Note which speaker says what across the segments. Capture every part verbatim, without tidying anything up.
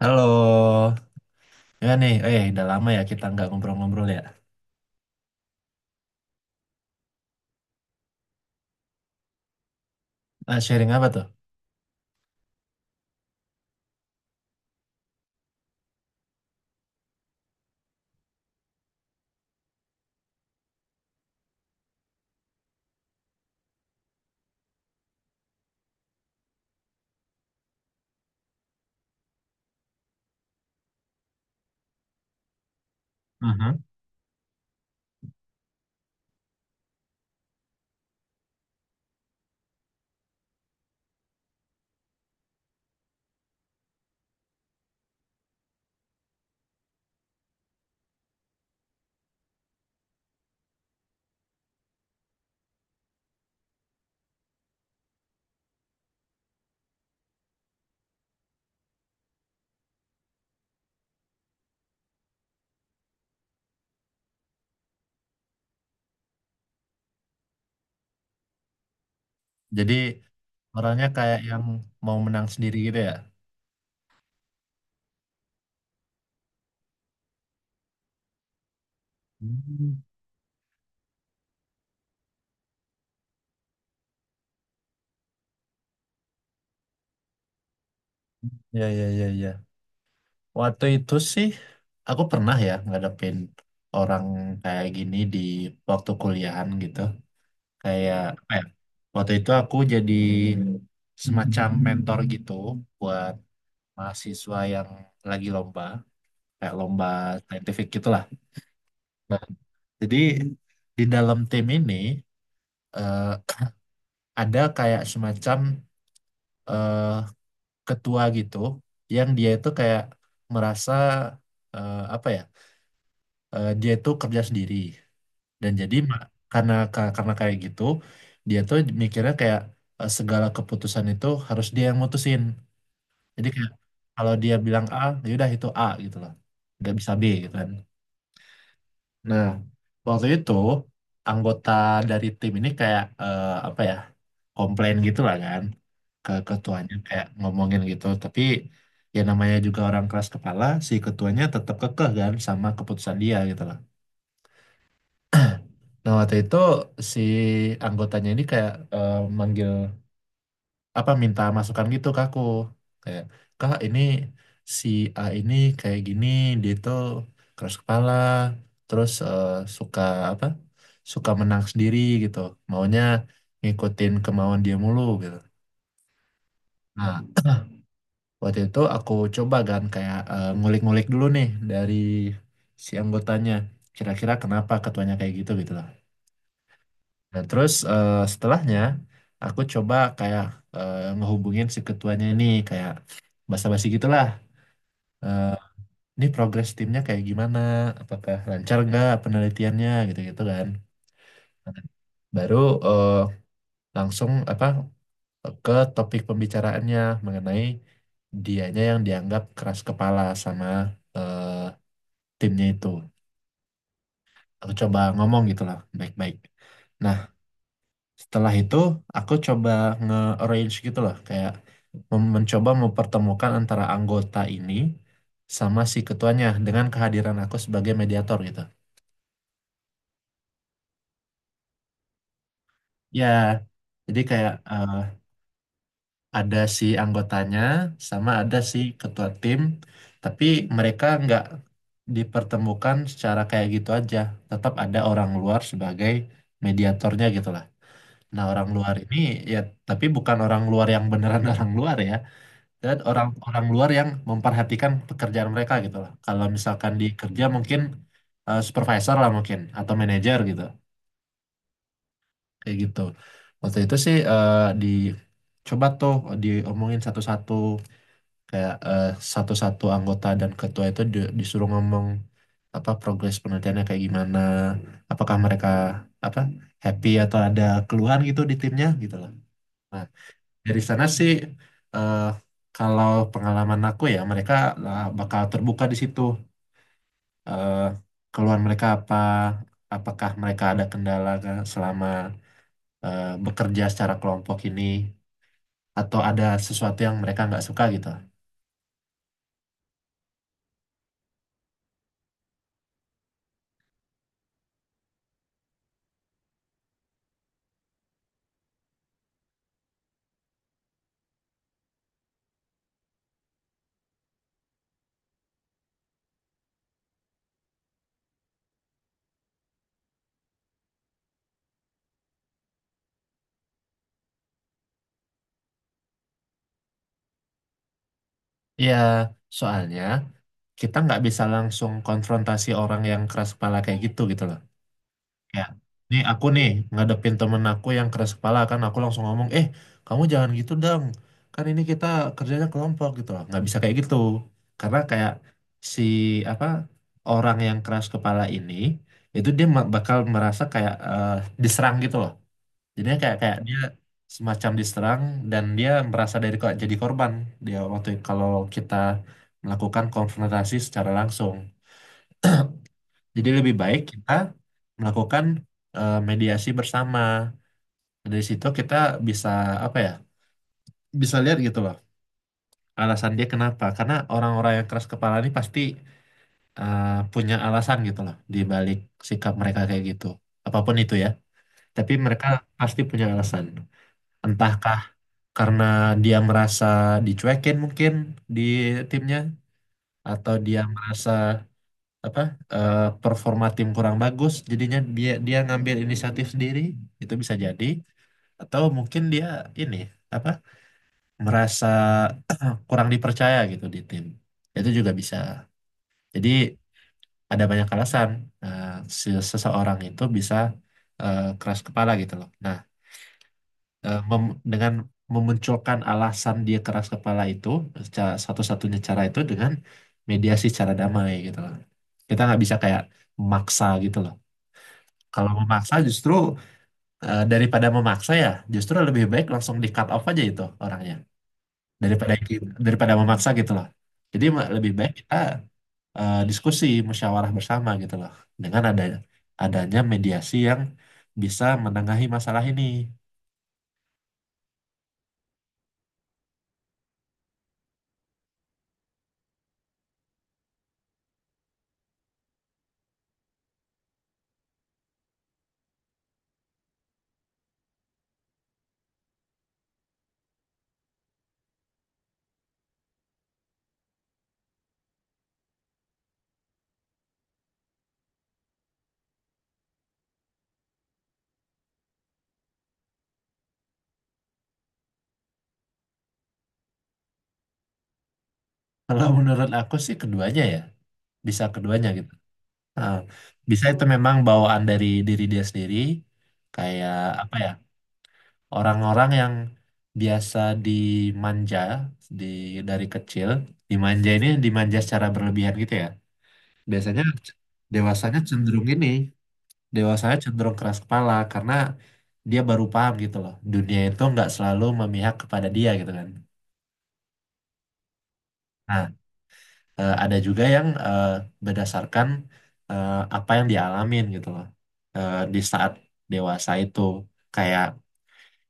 Speaker 1: Halo, ya nih, eh udah lama ya kita nggak ngobrol-ngobrol ya. Ah, sharing apa tuh? Jadi orangnya kayak yang mau menang sendiri gitu ya? Ya, ya, ya, ya. Waktu itu sih aku pernah ya ngadepin orang kayak gini di waktu kuliahan gitu. Kayak apa ya? Waktu itu aku jadi semacam mentor gitu buat mahasiswa yang lagi lomba, kayak lomba saintifik gitulah. Nah, jadi di dalam tim ini eh, ada kayak semacam eh, ketua gitu yang dia itu kayak merasa eh, apa ya eh, dia itu kerja sendiri dan jadi ma- karena ka- karena kayak gitu dia tuh mikirnya kayak eh, segala keputusan itu harus dia yang mutusin. Jadi kayak kalau dia bilang A, ya udah itu A gitu loh, nggak bisa B gitu kan. Nah, waktu itu anggota dari tim ini kayak eh, apa ya komplain gitu lah kan ke ketuanya, kayak ngomongin gitu. Tapi ya namanya juga orang keras kepala, si ketuanya tetap kekeh kan sama keputusan dia gitu loh. Nah, waktu itu si anggotanya ini kayak eh, manggil, apa, minta masukan gitu ke aku, kayak, kak, ini si A ini kayak gini, dia tuh keras kepala, terus eh, suka, apa, suka menang sendiri gitu, maunya ngikutin kemauan dia mulu gitu. Nah, waktu itu aku coba kan, kayak eh, ngulik-ngulik dulu nih dari si anggotanya. Kira-kira kenapa ketuanya kayak gitu, gitu lah. Nah, terus eh, setelahnya aku coba kayak eh, ngehubungin si ketuanya ini, kayak basa-basi gitulah. Eh, ini progres timnya kayak gimana? Apakah lancar nggak penelitiannya gitu-gitu kan. Baru eh, langsung, apa, ke topik pembicaraannya mengenai dianya yang dianggap keras kepala sama eh, timnya itu. Aku coba ngomong gitu lah, baik-baik. Nah, setelah itu aku coba nge-arrange gitu loh, kayak mem- mencoba mempertemukan antara anggota ini sama si ketuanya dengan kehadiran aku sebagai mediator gitu. Ya, jadi kayak eh, ada si anggotanya sama ada si ketua tim, tapi mereka nggak dipertemukan secara kayak gitu aja. Tetap ada orang luar sebagai mediatornya gitu. Nah, orang luar ini ya, tapi bukan orang luar yang beneran orang luar ya, dan orang-orang luar yang memperhatikan pekerjaan mereka gitu lah. Kalau misalkan di kerja mungkin eh, supervisor lah mungkin, atau manajer gitu, kayak gitu. Waktu itu sih eh, di coba tuh diomongin satu-satu, kayak eh, satu-satu anggota dan ketua itu di- disuruh ngomong apa progres penelitiannya kayak gimana, apakah mereka, apa, happy atau ada keluhan gitu di timnya gitu lah. Nah, dari sana sih, eh, kalau pengalaman aku ya, mereka lah bakal terbuka di situ. Eh, keluhan mereka apa, apakah mereka ada kendala kan selama eh, bekerja secara kelompok ini, atau ada sesuatu yang mereka nggak suka gitu. Ya, soalnya kita nggak bisa langsung konfrontasi orang yang keras kepala kayak gitu, gitu loh. Ya, nih aku nih ngadepin temen aku yang keras kepala, kan aku langsung ngomong, eh, kamu jangan gitu dong, kan ini kita kerjanya kelompok gitu loh, nggak bisa kayak gitu. Karena kayak si, apa, orang yang keras kepala ini itu dia ma- bakal merasa kayak eh, diserang gitu loh, jadinya kayak kayak dia semacam diserang, dan dia merasa dari kok jadi korban dia waktu kalau kita melakukan konfrontasi secara langsung. Jadi lebih baik kita melakukan eh, mediasi bersama. Dari situ kita bisa, apa ya, bisa lihat gitu loh alasan dia kenapa. Karena orang-orang yang keras kepala ini pasti eh, punya alasan gitu loh di balik sikap mereka kayak gitu. Apapun itu ya. Tapi mereka pasti punya alasan. Entahkah karena dia merasa dicuekin mungkin di timnya, atau dia merasa, apa, eh, performa tim kurang bagus, jadinya dia dia ngambil inisiatif sendiri, itu bisa jadi. Atau mungkin dia, ini, apa, merasa kurang dipercaya gitu di tim, itu juga bisa jadi. Ada banyak alasan eh, se- seseorang itu bisa eh, keras kepala gitu loh. Nah, eh, mem- dengan memunculkan alasan dia keras kepala itu, secara satu-satunya cara itu dengan mediasi secara damai gitu loh. Kita nggak bisa kayak maksa gitu loh. Kalau memaksa, justru eh, daripada memaksa ya, justru lebih baik langsung di cut off aja itu orangnya, daripada ki- daripada memaksa gitu loh. Jadi ma- lebih baik kita eh, diskusi, musyawarah bersama gitu loh, dengan ada adanya mediasi yang bisa menengahi masalah ini. Kalau menurut aku sih keduanya ya, bisa keduanya gitu. Nah, bisa itu memang bawaan dari diri dia sendiri, kayak apa ya? Orang-orang yang biasa dimanja di dari kecil, dimanja, ini dimanja secara berlebihan gitu ya, biasanya dewasanya cenderung ini dewasanya cenderung keras kepala, karena dia baru paham gitu loh dunia itu nggak selalu memihak kepada dia gitu kan. Nah, eh, ada juga yang eh, berdasarkan eh, apa yang dialamin gitu loh eh, di saat dewasa itu, kayak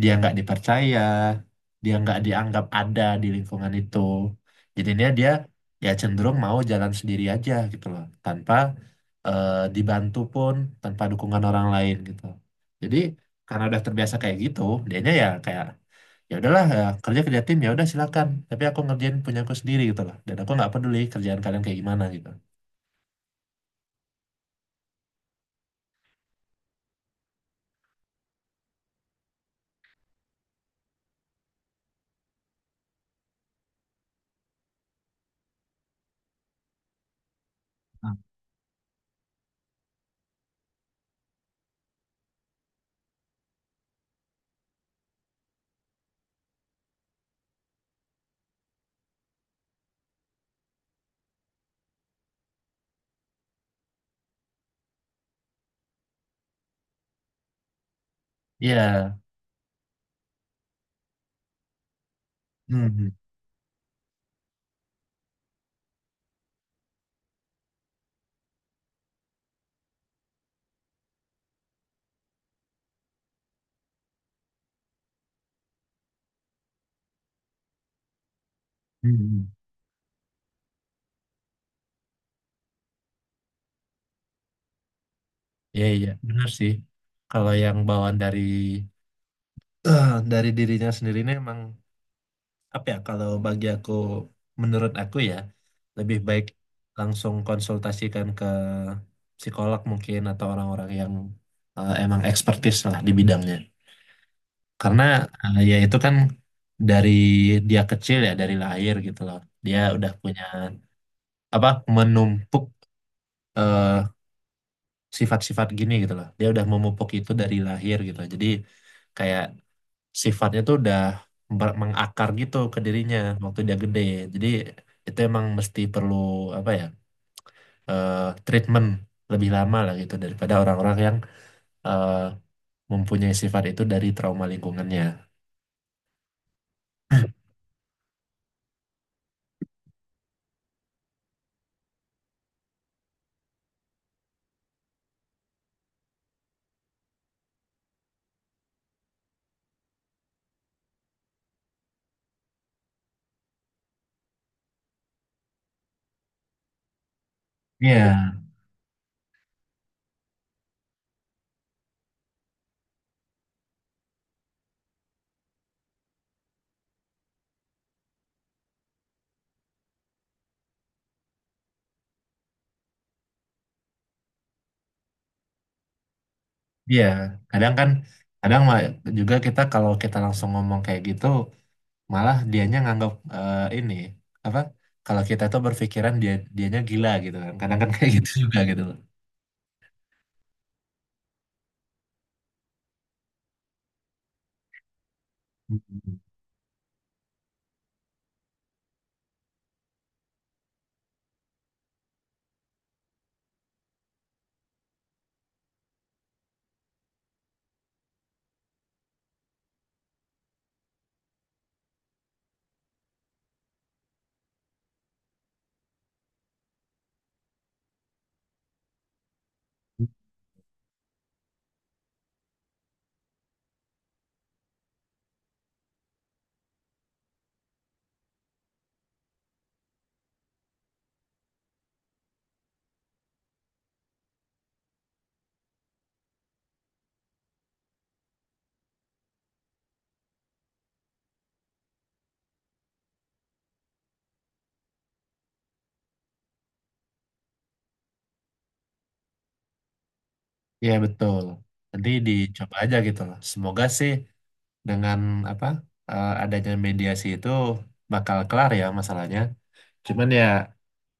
Speaker 1: dia nggak dipercaya, dia nggak dianggap ada di lingkungan itu. Jadinya dia ya cenderung mau jalan sendiri aja gitu loh, tanpa eh, dibantu pun, tanpa dukungan orang lain gitu. Jadi karena udah terbiasa kayak gitu, dianya ya kayak, ya udahlah ya, kerja, kerja tim ya udah, silakan, tapi aku ngerjain punya aku sendiri gitu loh. Dan aku nggak peduli kerjaan kalian kayak gimana gitu. Nah, iya. Hmm. Hmm. Iya, iya, benar sih. Kalau yang bawaan dari eh, dari dirinya sendiri ini emang, apa ya, kalau bagi aku, menurut aku ya, lebih baik langsung konsultasikan ke psikolog mungkin, atau orang-orang yang eh, emang ekspertis lah di bidangnya. Karena eh, ya itu kan dari dia kecil ya, dari lahir gitu loh, dia udah punya, apa, menumpuk eh, sifat-sifat gini gitu loh, dia udah memupuk itu dari lahir gitu loh. Jadi kayak sifatnya tuh udah ber- mengakar gitu ke dirinya waktu dia gede. Jadi itu emang mesti perlu, apa ya, eh, treatment lebih lama lah gitu daripada orang-orang yang eh, mempunyai sifat itu dari trauma lingkungannya. Iya, iya. Kadang kan, kadang mah juga, kita kalau kita langsung ngomong kayak gitu, malah dianya nganggap, eh, ini apa? Kalau kita tuh berpikiran dia dianya gila gitu kan. Kadang kan kayak gitu juga gitu loh. Iya betul. Nanti dicoba aja gitu loh. Semoga sih dengan, apa, eh, adanya mediasi itu bakal kelar ya masalahnya. Cuman ya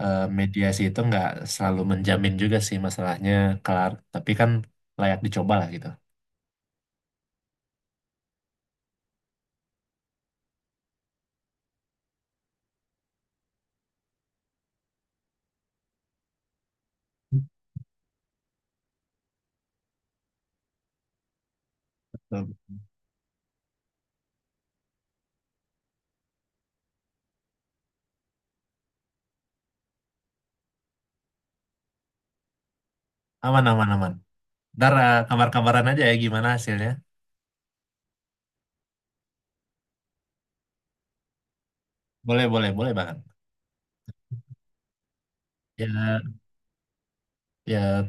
Speaker 1: eh, mediasi itu nggak selalu menjamin juga sih masalahnya kelar. Tapi kan layak dicoba lah gitu. Betul. Aman, aman, aman. Ntar eh, kabar-kabaran aja ya gimana hasilnya. Boleh, boleh, boleh banget. Ya, ya